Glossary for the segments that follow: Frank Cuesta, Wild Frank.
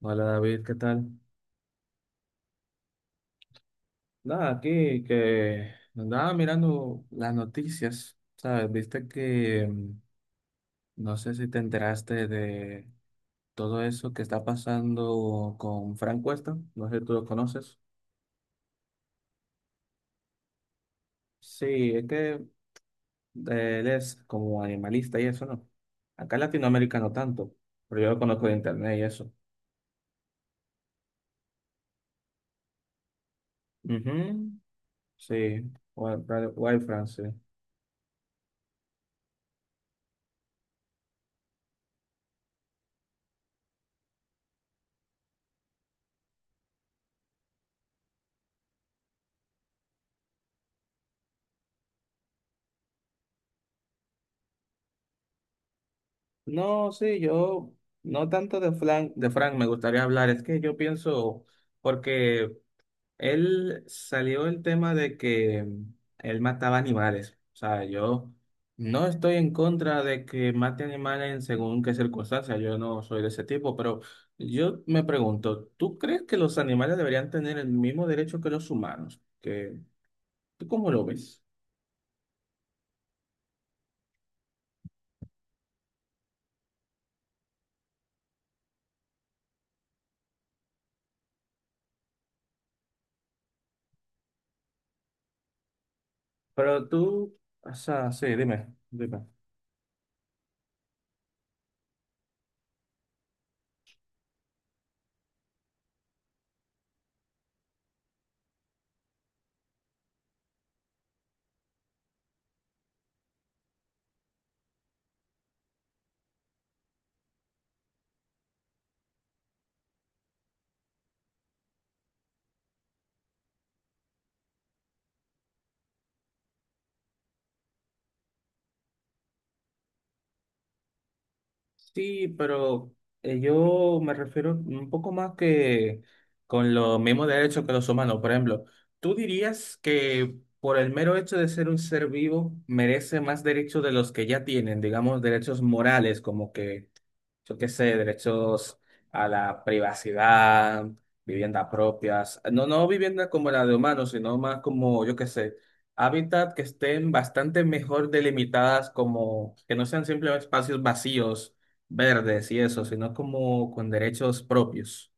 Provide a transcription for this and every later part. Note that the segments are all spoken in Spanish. Hola David, ¿qué tal? Nada, aquí que andaba mirando las noticias, ¿sabes? Viste que no sé si te enteraste de todo eso que está pasando con Frank Cuesta, no sé si tú lo conoces. Sí, es que él es como animalista y eso, ¿no? Acá en Latinoamérica no tanto, pero yo lo conozco de internet y eso. Ujú. Sí, Wild, Wild Frank, sí. No, sí, yo no tanto de Frank me gustaría hablar. Es que yo pienso, porque él salió el tema de que él mataba animales. O sea, yo no estoy en contra de que mate animales en según qué circunstancias. Yo no soy de ese tipo, pero yo me pregunto, ¿tú crees que los animales deberían tener el mismo derecho que los humanos? Que, ¿tú cómo lo ves? Pero tú, o sea, sí, dime. Sí, pero yo me refiero un poco más que con los mismos derechos que los humanos. Por ejemplo, ¿tú dirías que por el mero hecho de ser un ser vivo merece más derechos de los que ya tienen, digamos, derechos morales, como que yo qué sé, derechos a la privacidad, viviendas propias, no, no vivienda como la de humanos, sino más como, yo qué sé, hábitat que estén bastante mejor delimitadas, como que no sean simplemente espacios vacíos, verdes y eso, sino como con derechos propios.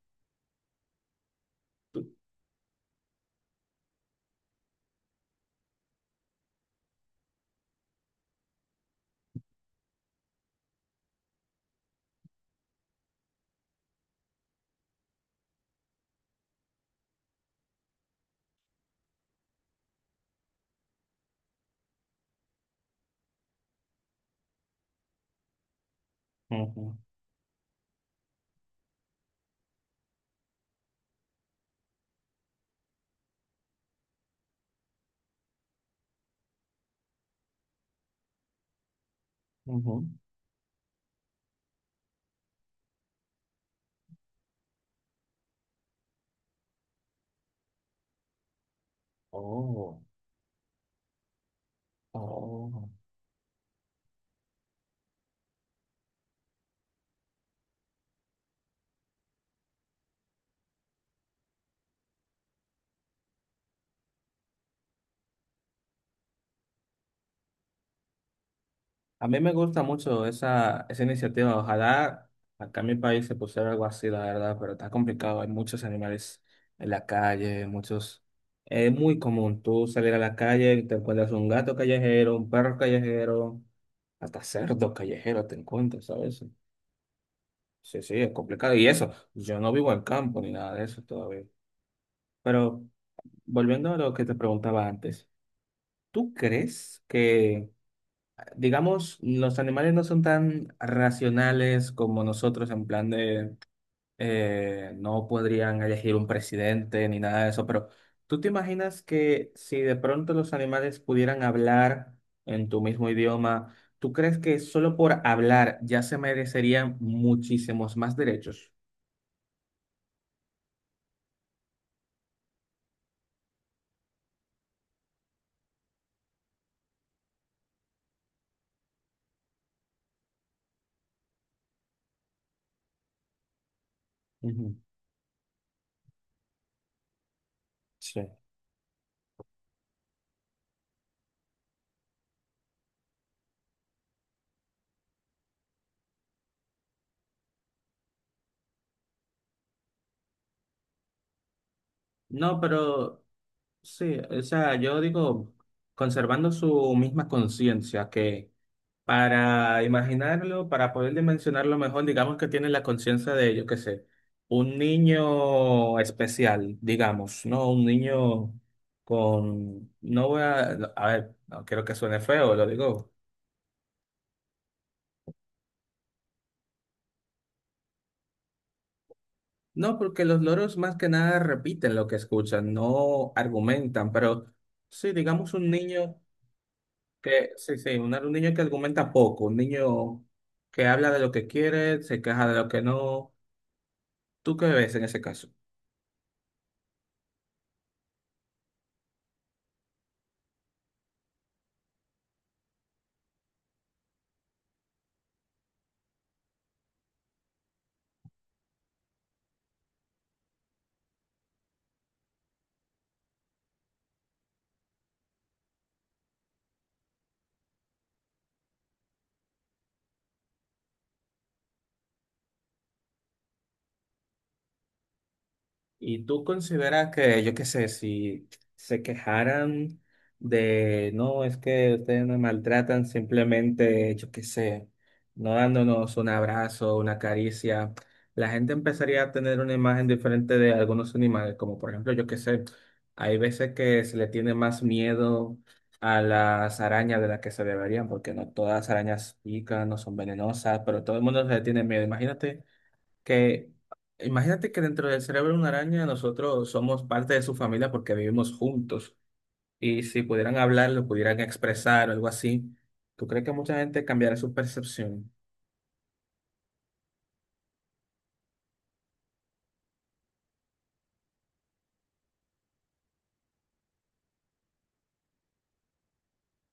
Ujú, ujú. Oh, oh. A mí me gusta mucho esa iniciativa. Ojalá acá en mi país se pusiera algo así, la verdad, pero está complicado. Hay muchos animales en la calle, muchos... Es muy común tú salir a la calle y te encuentras un gato callejero, un perro callejero, hasta cerdo callejero te encuentras, ¿sabes? Sí, sí, es complicado. Y eso, yo no vivo en campo ni nada de eso todavía. Pero volviendo a lo que te preguntaba antes, ¿tú crees que... digamos, los animales no son tan racionales como nosotros en plan de no podrían elegir un presidente ni nada de eso, pero ¿tú te imaginas que si de pronto los animales pudieran hablar en tu mismo idioma, ¿tú crees que solo por hablar ya se merecerían muchísimos más derechos? Ujú. Sí. No, pero sí, o sea, yo digo, conservando su misma conciencia que... Para imaginarlo, para poder dimensionarlo mejor, digamos que tiene la conciencia de, yo qué sé, un niño especial, digamos, ¿no? Un niño con... No voy a... no, a ver, no quiero que suene feo, lo digo. No, porque los loros más que nada repiten lo que escuchan, no argumentan, pero sí, digamos un niño que... Sí, sí, un niño que argumenta poco, un niño que habla de lo que quiere, se queja de lo que no. ¿Tú qué ves en ese caso? ¿Y tú consideras que, yo qué sé, si se quejaran de, no, es que ustedes me maltratan, simplemente, yo qué sé, no dándonos un abrazo, una caricia, la gente empezaría a tener una imagen diferente de algunos animales, como por ejemplo, yo qué sé, hay veces que se le tiene más miedo a las arañas de las que se deberían, porque no todas las arañas pican, no son venenosas, pero todo el mundo se le tiene miedo. Imagínate que dentro del cerebro de una araña nosotros somos parte de su familia porque vivimos juntos y si pudieran hablar, lo pudieran expresar o algo así, ¿tú crees que mucha gente cambiará su percepción?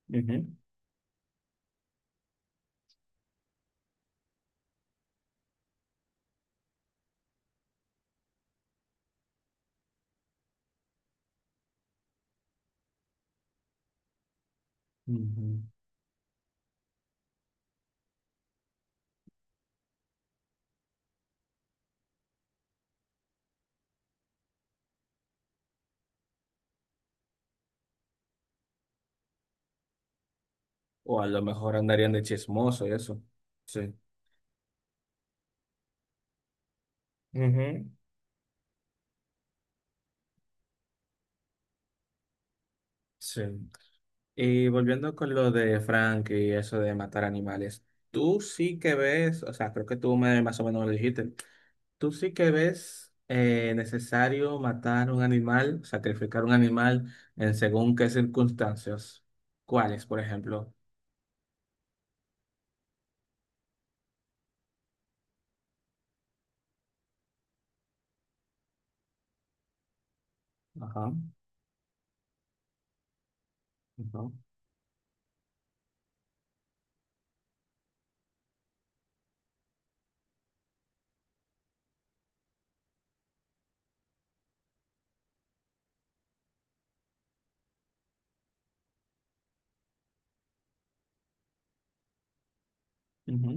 Ujú, ujú. O a lo mejor andarían de chismoso y eso. Sí. Ujú. Sí. Y volviendo con lo de Frank y eso de matar animales, tú sí que ves, o sea, creo que tú me, más o menos me lo dijiste, ¿tú sí que ves necesario matar un animal, sacrificar un animal en según qué circunstancias? ¿Cuáles, por ejemplo? Ajá, ajá, ujú.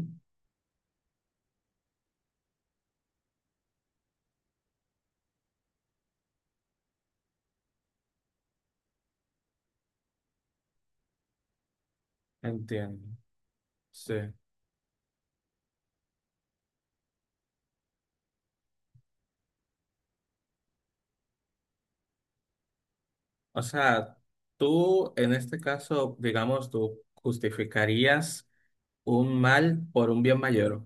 Entiendo. Sí. O sea, tú en este caso, digamos, tú justificarías un mal por un bien mayor.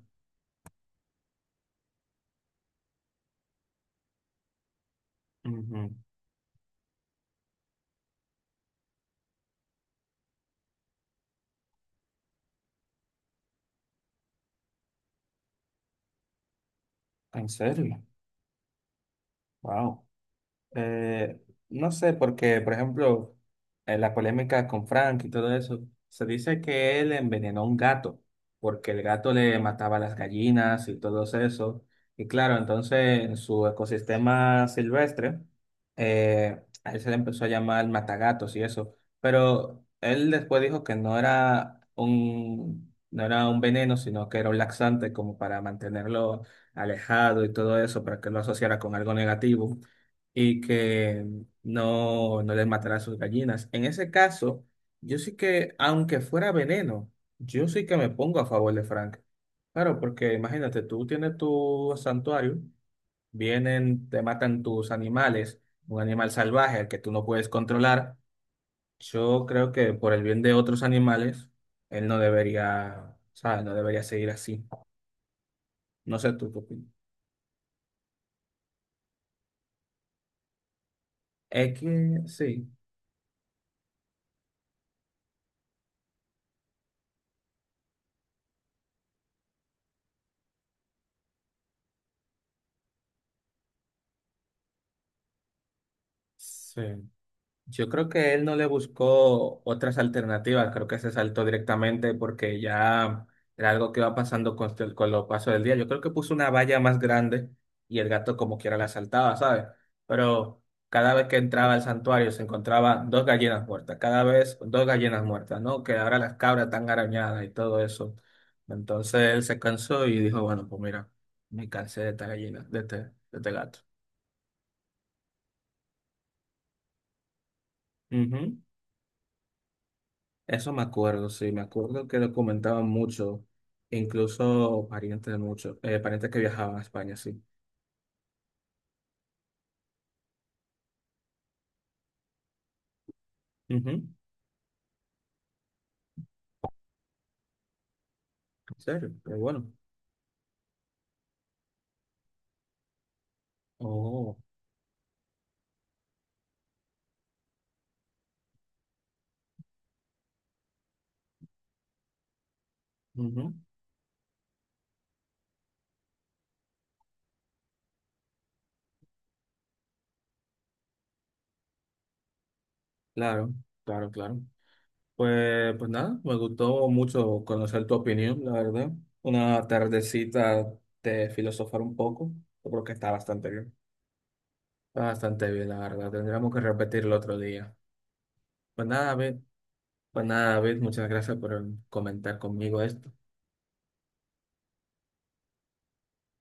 Ujú. ¿En serio? Wow. Eh, no sé, porque, por ejemplo, en la polémica con Frank y todo eso, se dice que él envenenó a un gato, porque el gato le mataba las gallinas y todo eso. Y claro, entonces en su ecosistema silvestre, a él se le empezó a llamar matagatos y eso. Pero él después dijo que no era un veneno, sino que era un laxante como para mantenerlo alejado y todo eso, para que lo asociara con algo negativo y que no les matara a sus gallinas. En ese caso, yo sí que, aunque fuera veneno, yo sí que me pongo a favor de Frank. Claro, porque imagínate, tú tienes tu santuario, vienen, te matan tus animales, un animal salvaje al que tú no puedes controlar. Yo creo que por el bien de otros animales, él no debería, ¿sabes? No debería seguir así. No sé tú qué opinas. Es que sí. Sí. Yo creo que él no le buscó otras alternativas, creo que se saltó directamente porque ya era algo que iba pasando con, el- con los pasos del día. Yo creo que puso una valla más grande y el gato como quiera la saltaba, ¿sabes? Pero cada vez que entraba al santuario se encontraba dos gallinas muertas, cada vez dos gallinas muertas, ¿no? Que ahora las cabras están arañadas y todo eso. Entonces él se cansó y dijo, bueno, pues mira, me cansé de esta gallina, de este gato. Ujú. Eso me acuerdo, sí, me acuerdo que lo comentaban mucho, incluso parientes de muchos, parientes que viajaban a España, sí. Ujú, en serio, pero bueno. Oh, ujú, claro, claro, claro. Pues, pues nada, me gustó mucho conocer tu opinión, la verdad. Una tardecita de filosofar un poco, yo creo que está bastante bien. Está bastante bien, la verdad. Tendríamos que repetirlo otro día. Pues nada, David, pues nada, David, muchas gracias por comentar conmigo esto.